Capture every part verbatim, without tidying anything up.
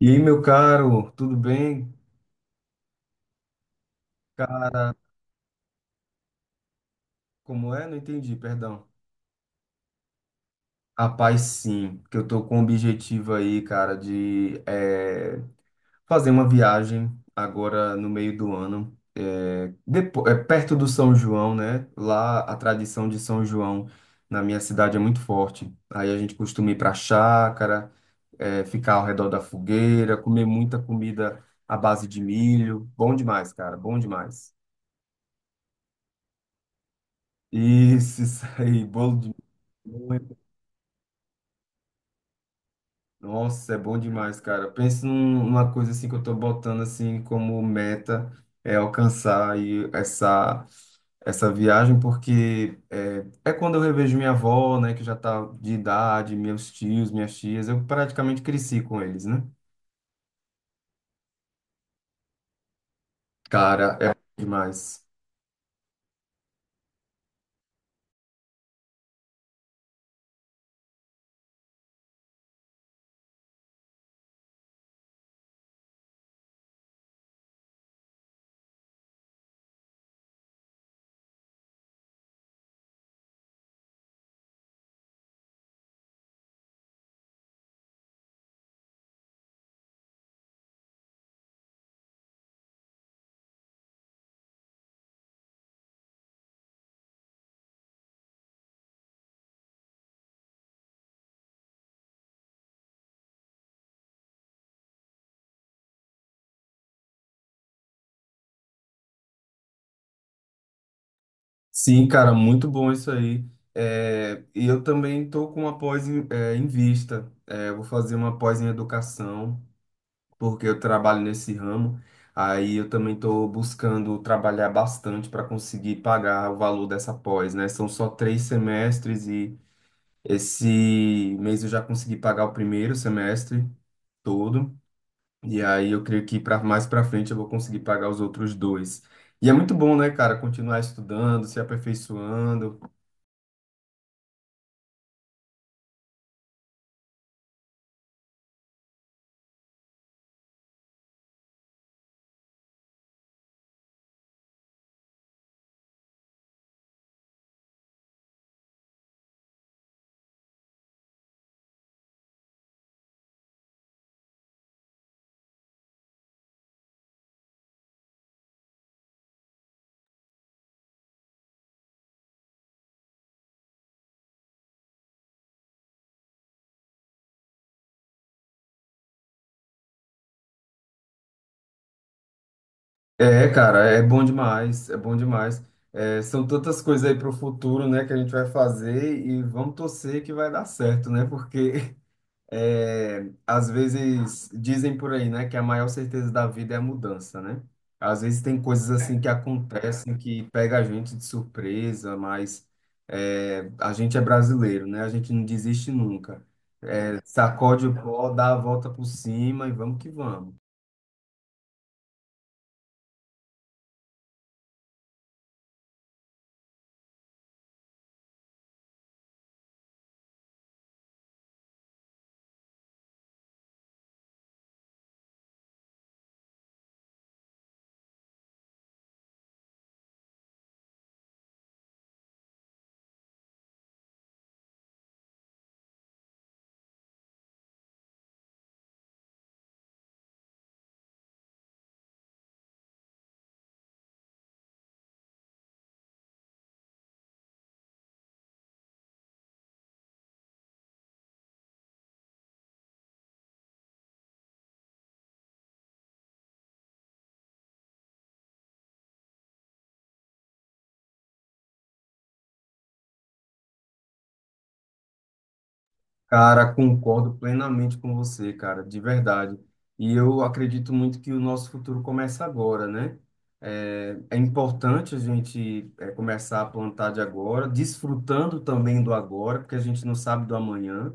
E aí, meu caro, tudo bem? Cara, como é? Não entendi, perdão. Rapaz, sim, que eu tô com o objetivo aí, cara, de eh, fazer uma viagem agora no meio do ano, eh, depo- eh, perto do São João, né? Lá a tradição de São João na minha cidade é muito forte. Aí a gente costuma ir pra chácara, eh, ficar ao redor da fogueira, comer muita comida à base de milho. Bom demais, cara, bom demais. Isso, isso aí, bolo muito. Nossa, é bom demais, cara. Pensa num- numa coisa assim que eu tô botando assim como meta é alcançar aí essa essa viagem, porque é, é quando eu revejo minha avó, né, que já tá de idade, meus tios, minhas tias, eu praticamente cresci com eles, né? Cara, é bom demais. Sim, cara, muito bom isso aí. É, e eu também estou com uma pós em, é, em vista. É, eu vou fazer uma pós em educação, porque eu trabalho nesse ramo. Aí eu também estou buscando trabalhar bastante para conseguir pagar o valor dessa pós, né? São só três semestres e esse mês eu já consegui pagar o primeiro semestre todo. E aí eu creio que para mais para frente eu vou conseguir pagar os outros dois. E é muito bom, né, cara, continuar estudando, se aperfeiçoando. É, cara, é bom demais, é bom demais. É, são tantas coisas aí para o futuro, né, que a gente vai fazer e vamos torcer que vai dar certo, né? Porque é, às vezes dizem por aí, né, que a maior certeza da vida é a mudança, né? Às vezes tem coisas assim que acontecem que pega a gente de surpresa, mas é, a gente é brasileiro, né? A gente não desiste nunca. É, sacode o pó, dá a volta por cima e vamos que vamos. Cara, concordo plenamente com você, cara, de verdade. E eu acredito muito que o nosso futuro começa agora, né? É, é importante a gente é, começar a plantar de agora, desfrutando também do agora, porque a gente não sabe do amanhã.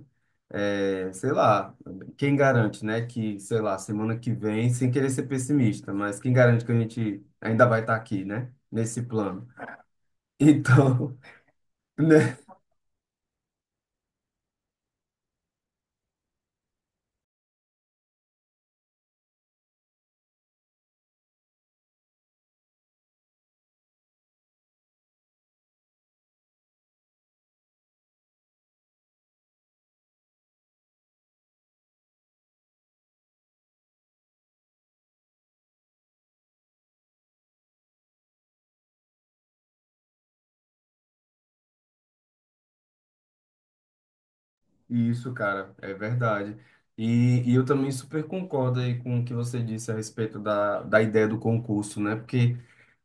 É, sei lá, quem garante, né, que, sei lá, semana que vem, sem querer ser pessimista, mas quem garante que a gente ainda vai estar aqui, né, nesse plano? Então, né? Isso, cara, é verdade. E, e eu também super concordo aí com o que você disse a respeito da, da ideia do concurso, né? Porque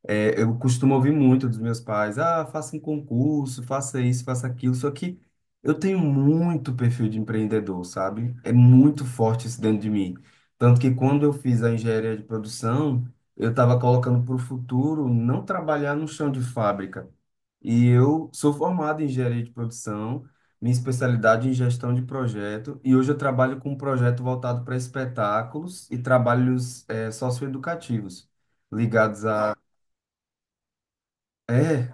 é, eu costumo ouvir muito dos meus pais, ah, faça um concurso, faça isso, faça aquilo, só que eu tenho muito perfil de empreendedor, sabe? É muito forte isso dentro de mim. Tanto que quando eu fiz a engenharia de produção, eu estava colocando para o futuro não trabalhar no chão de fábrica, e eu sou formado em engenharia de produção, minha especialidade é em gestão de projeto, e hoje eu trabalho com um projeto voltado para espetáculos e trabalhos eh, socioeducativos, ligados a. Não. É.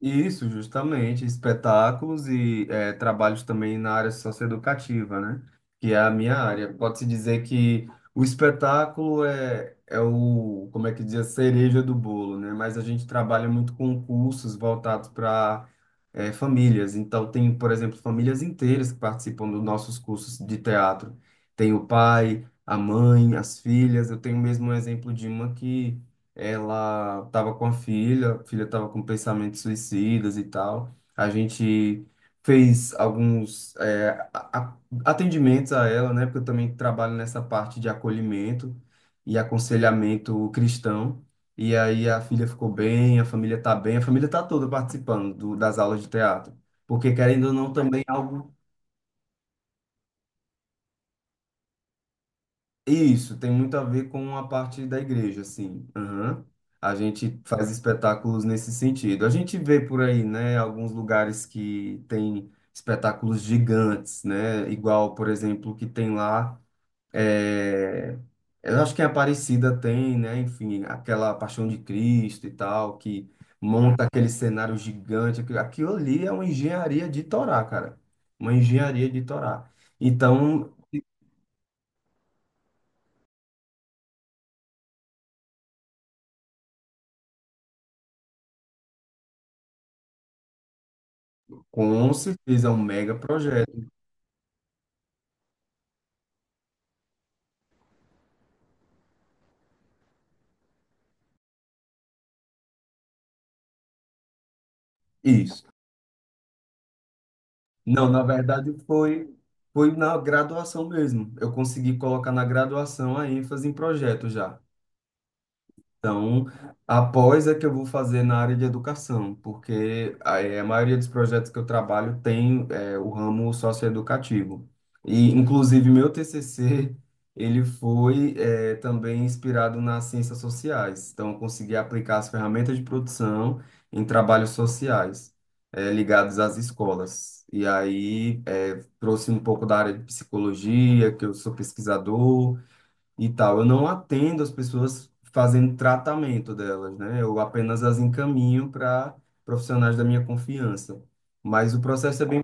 Isso, justamente, espetáculos e eh, trabalhos também na área socioeducativa, né? Que é a minha área. Pode-se dizer que o espetáculo é, é o, como é que diz, a cereja do bolo, né? Mas a gente trabalha muito com cursos voltados para famílias. Então, tem, por exemplo, famílias inteiras que participam dos nossos cursos de teatro. Tem o pai, a mãe, as filhas. Eu tenho mesmo um exemplo de uma que ela estava com a filha, a filha estava com pensamentos suicidas e tal. A gente fez alguns é, a- a- atendimentos a ela, né? Porque eu também trabalho nessa parte de acolhimento e aconselhamento cristão. E aí a filha ficou bem, a família tá bem, a família tá toda participando do- das aulas de teatro. Porque, querendo ou não, também é algo. Isso tem muito a ver com a parte da igreja, assim. Aham. A gente faz espetáculos nesse sentido. A gente vê por aí, né, alguns lugares que tem espetáculos gigantes, né? Igual, por exemplo, que tem lá, é, eu acho que em Aparecida tem, né? Enfim, aquela Paixão de Cristo e tal, que monta aquele cenário gigante. Aquilo aquilo ali é uma engenharia de Torá, cara. Uma engenharia de Torá. Então, com certeza, é um mega projeto. Isso. Não, na verdade foi foi na graduação mesmo. Eu consegui colocar na graduação a ênfase em projeto já. Então, após é que eu vou fazer na área de educação, porque a, a maioria dos projetos que eu trabalho tem é, o ramo socioeducativo. E, inclusive, meu T C C, ele foi é, também inspirado nas ciências sociais. Então, eu consegui aplicar as ferramentas de produção em trabalhos sociais é, ligados às escolas. E aí, é, trouxe um pouco da área de psicologia, que eu sou pesquisador, e tal. Eu não atendo as pessoas fazendo tratamento delas, né? Eu apenas as encaminho para profissionais da minha confiança. Mas o processo é bem.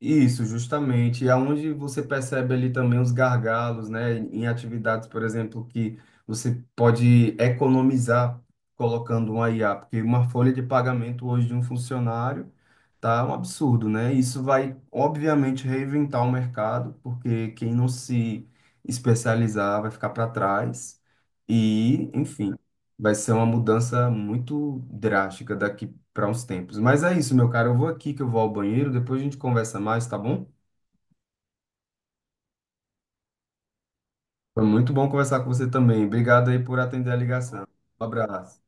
Isso, justamente. E aonde você percebe ali também os gargalos, né? Em atividades, por exemplo, que você pode economizar colocando uma I A, porque uma folha de pagamento hoje de um funcionário tá um absurdo, né? Isso vai, obviamente, reinventar o mercado, porque quem não se especializar vai ficar para trás. E, enfim, vai ser uma mudança muito drástica daqui para uns tempos. Mas é isso, meu cara. Eu vou aqui que eu vou ao banheiro, depois a gente conversa mais, tá bom? Foi muito bom conversar com você também. Obrigado aí por atender a ligação. Um abraço.